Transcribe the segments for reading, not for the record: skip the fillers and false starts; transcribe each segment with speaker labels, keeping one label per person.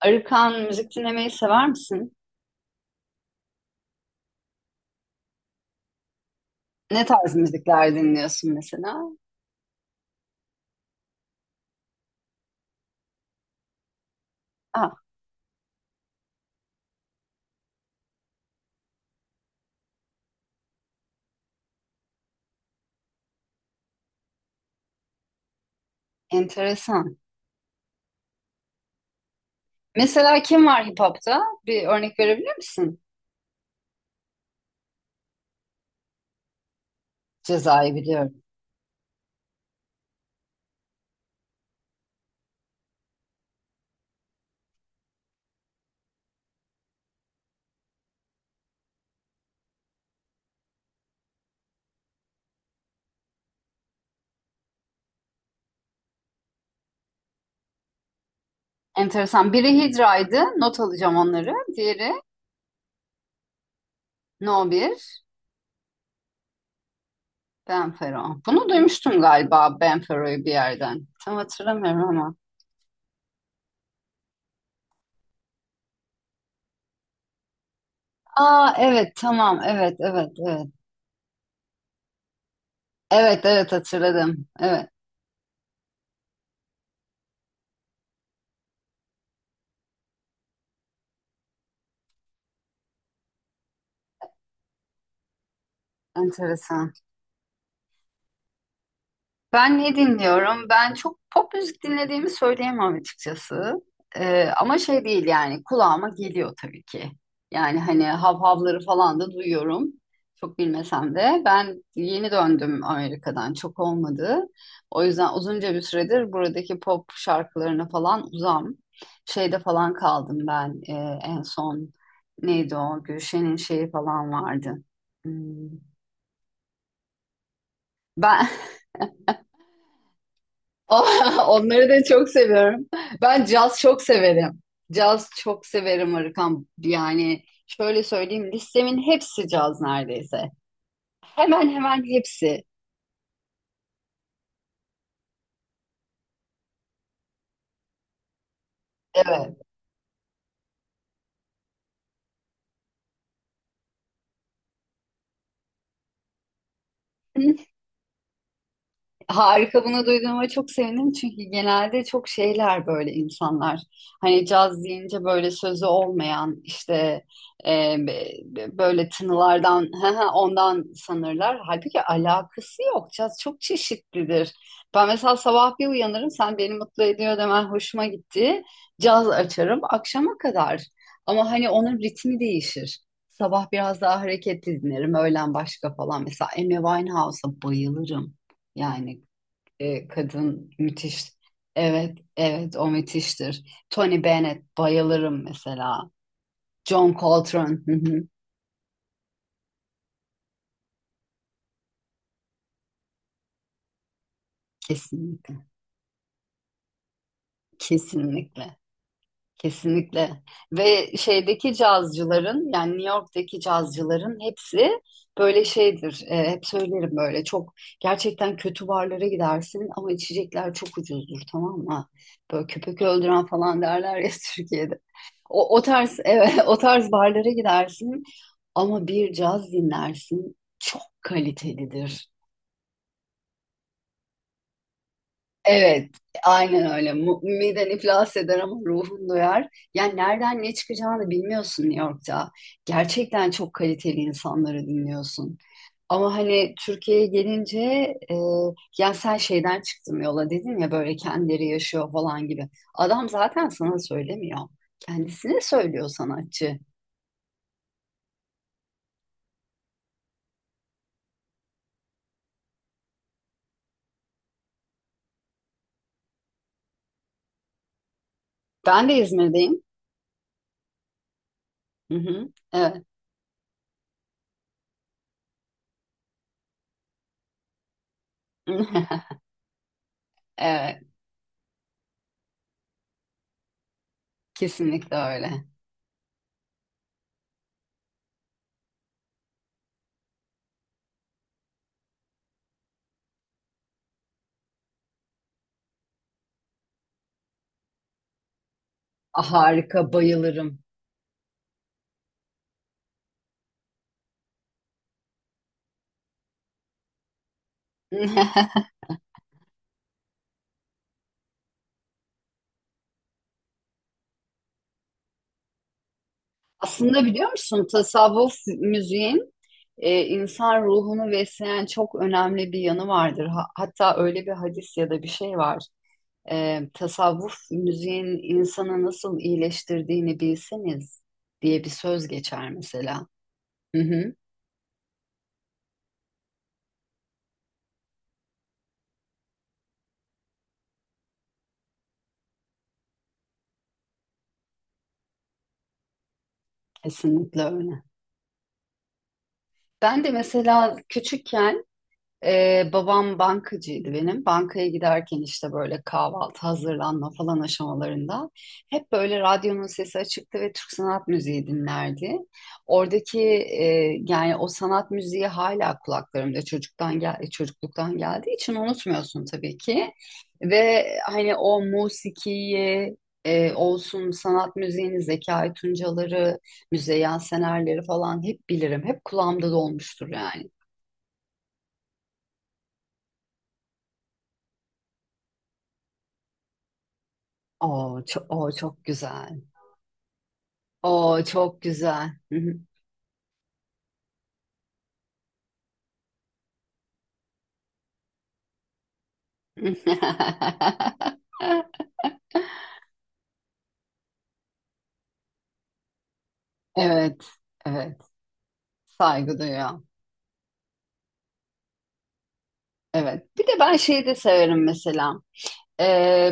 Speaker 1: Arıkan müzik dinlemeyi sever misin? Ne tarz müzikler dinliyorsun mesela? Ah, enteresan. Mesela kim var hip hop'ta? Bir örnek verebilir misin? Ceza'yı biliyorum. Enteresan. Biri Hidra'ydı. Not alacağım onları. Diğeri No 1, Benfero. Bunu duymuştum galiba Benfero'yu bir yerden. Tam hatırlamıyorum ama. Aa, evet, tamam, evet, evet, evet. Evet, evet, hatırladım. Evet, enteresan. Ben ne dinliyorum? Ben çok pop müzik dinlediğimi söyleyemem açıkçası. Ama şey değil yani kulağıma geliyor tabii ki. Yani hani havhavları falan da duyuyorum. Çok bilmesem de ben yeni döndüm Amerika'dan, çok olmadı. O yüzden uzunca bir süredir buradaki pop şarkılarına falan uzam. Şeyde falan kaldım ben en son neydi o Gülşen'in şeyi falan vardı. Hmm. Ben Onları da çok seviyorum. Ben caz çok severim. Caz çok severim Arıkan. Yani şöyle söyleyeyim, listemin hepsi caz neredeyse. Hemen hemen hepsi. Evet. Harika, bunu duyduğuma çok sevindim çünkü genelde çok şeyler böyle insanlar. Hani caz deyince böyle sözü olmayan işte böyle tınılardan ondan sanırlar. Halbuki alakası yok. Caz çok çeşitlidir. Ben mesela sabah bir uyanırım, sen beni mutlu ediyor demen hoşuma gitti. Caz açarım akşama kadar. Ama hani onun ritmi değişir. Sabah biraz daha hareketli dinlerim. Öğlen başka falan. Mesela Amy Winehouse'a bayılırım. Yani kadın müthiş. Evet, evet, o müthiştir. Tony Bennett bayılırım mesela. John Coltrane. Hı hı. Kesinlikle. Kesinlikle. Kesinlikle. Ve şeydeki cazcıların yani New York'taki cazcıların hepsi böyle şeydir. Hep söylerim, böyle çok gerçekten kötü barlara gidersin ama içecekler çok ucuzdur, tamam mı? Böyle köpek öldüren falan derler ya Türkiye'de. O tarz evet o tarz barlara gidersin ama bir caz dinlersin, çok kalitelidir. Evet, aynen öyle. Miden iflas eder ama ruhun doyar. Yani nereden ne çıkacağını bilmiyorsun New York'ta. Gerçekten çok kaliteli insanları dinliyorsun. Ama hani Türkiye'ye gelince e, yani sen şeyden çıktım yola dedin ya, böyle kendileri yaşıyor falan gibi. Adam zaten sana söylemiyor. Kendisine söylüyor sanatçı. Ben de İzmir'deyim. Hı hı. Evet. Evet, kesinlikle öyle. Harika, bayılırım. Aslında biliyor musun, tasavvuf müziğin insan ruhunu besleyen çok önemli bir yanı vardır. Hatta öyle bir hadis ya da bir şey var. Tasavvuf müziğin insanı nasıl iyileştirdiğini bilseniz diye bir söz geçer mesela. Hı hı, kesinlikle öyle. Ben de mesela küçükken babam bankacıydı benim. Bankaya giderken işte böyle kahvaltı hazırlanma falan aşamalarında hep böyle radyonun sesi açıktı ve Türk sanat müziği dinlerdi. Oradaki yani o sanat müziği hala kulaklarımda çocukluktan geldiği için unutmuyorsun tabii ki. Ve hani o musikiyi olsun sanat müziğini, Zekai Tuncaları, Müzeyyen Senerleri falan hep bilirim. Hep kulağımda dolmuştur yani. Oo, çok güzel. Oo, çok güzel. Evet, evet. Saygı duyuyorum. Evet. Bir de ben şeyi de severim mesela. Ee,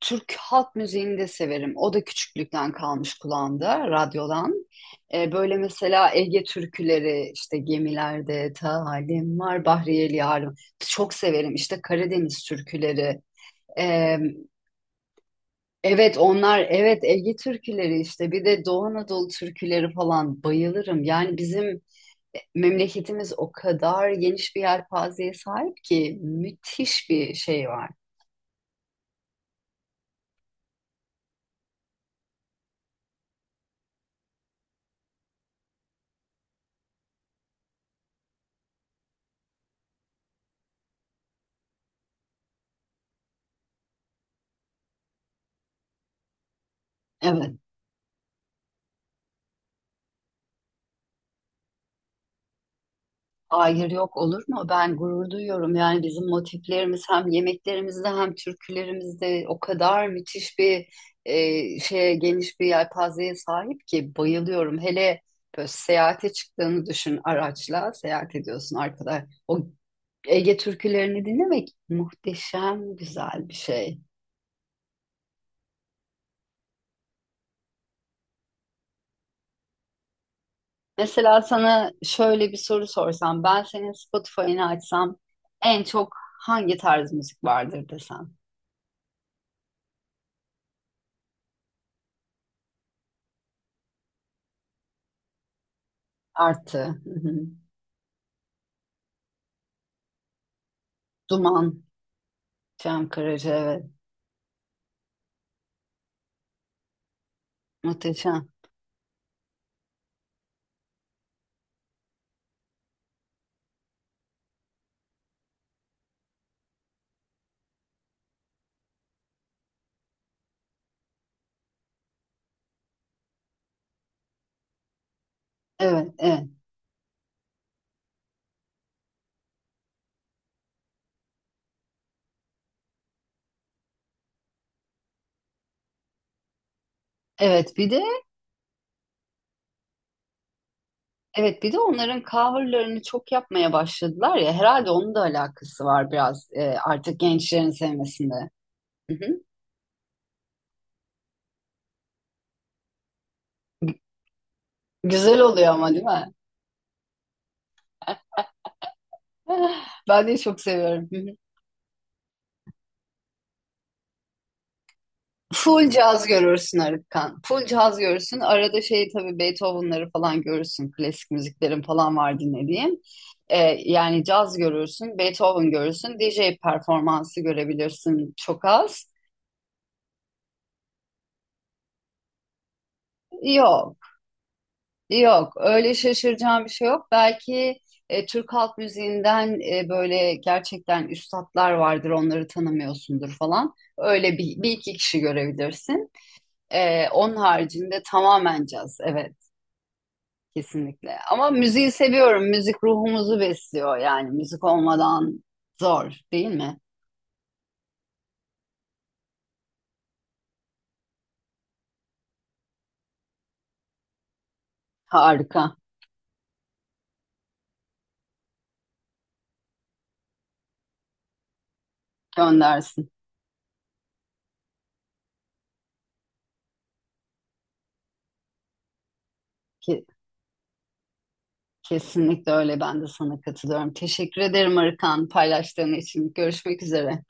Speaker 1: Türk halk müziğini de severim. O da küçüklükten kalmış kulağımda, radyodan. Böyle mesela Ege türküleri, işte gemilerde talim var, Bahriyeli Yarım. Çok severim. İşte Karadeniz türküleri. Evet onlar, evet Ege türküleri, işte bir de Doğu Anadolu türküleri falan bayılırım. Yani bizim memleketimiz o kadar geniş bir yelpazeye sahip ki, müthiş bir şey var. Evet. Hayır, yok olur mu? Ben gurur duyuyorum. Yani bizim motiflerimiz hem yemeklerimizde hem türkülerimizde o kadar müthiş bir e, şeye geniş bir yelpazeye sahip ki bayılıyorum. Hele böyle seyahate çıktığını düşün, araçla seyahat ediyorsun arkadaş. O Ege türkülerini dinlemek muhteşem güzel bir şey. Mesela sana şöyle bir soru sorsam, ben senin Spotify'ını açsam en çok hangi tarz müzik vardır desem. Artı, hı hı. Duman, Cem Karaca, evet. Muhteşem. Evet, evet. Evet bir de, evet bir de onların coverlarını çok yapmaya başladılar ya, herhalde onun da alakası var biraz artık gençlerin sevmesinde. Hı hı. Güzel oluyor ama, değil mi? Ben de çok seviyorum. Full caz görürsün Arıkan. Full caz görürsün. Arada şey tabii Beethoven'ları falan görürsün. Klasik müziklerin falan var dinlediğim. Ee, Yani caz görürsün, Beethoven görürsün, DJ performansı görebilirsin çok az. Yok, yok. Öyle şaşıracağım bir şey yok. Belki Türk halk müziğinden böyle gerçekten üstatlar vardır, onları tanımıyorsundur falan. Öyle bir iki kişi görebilirsin. Onun haricinde tamamen caz, evet. Kesinlikle. Ama müziği seviyorum. Müzik ruhumuzu besliyor. Yani müzik olmadan zor, değil mi? Harika. Göndersin. Ke- Kesinlikle öyle. Ben de sana katılıyorum. Teşekkür ederim Arıkan paylaştığın için. Görüşmek üzere.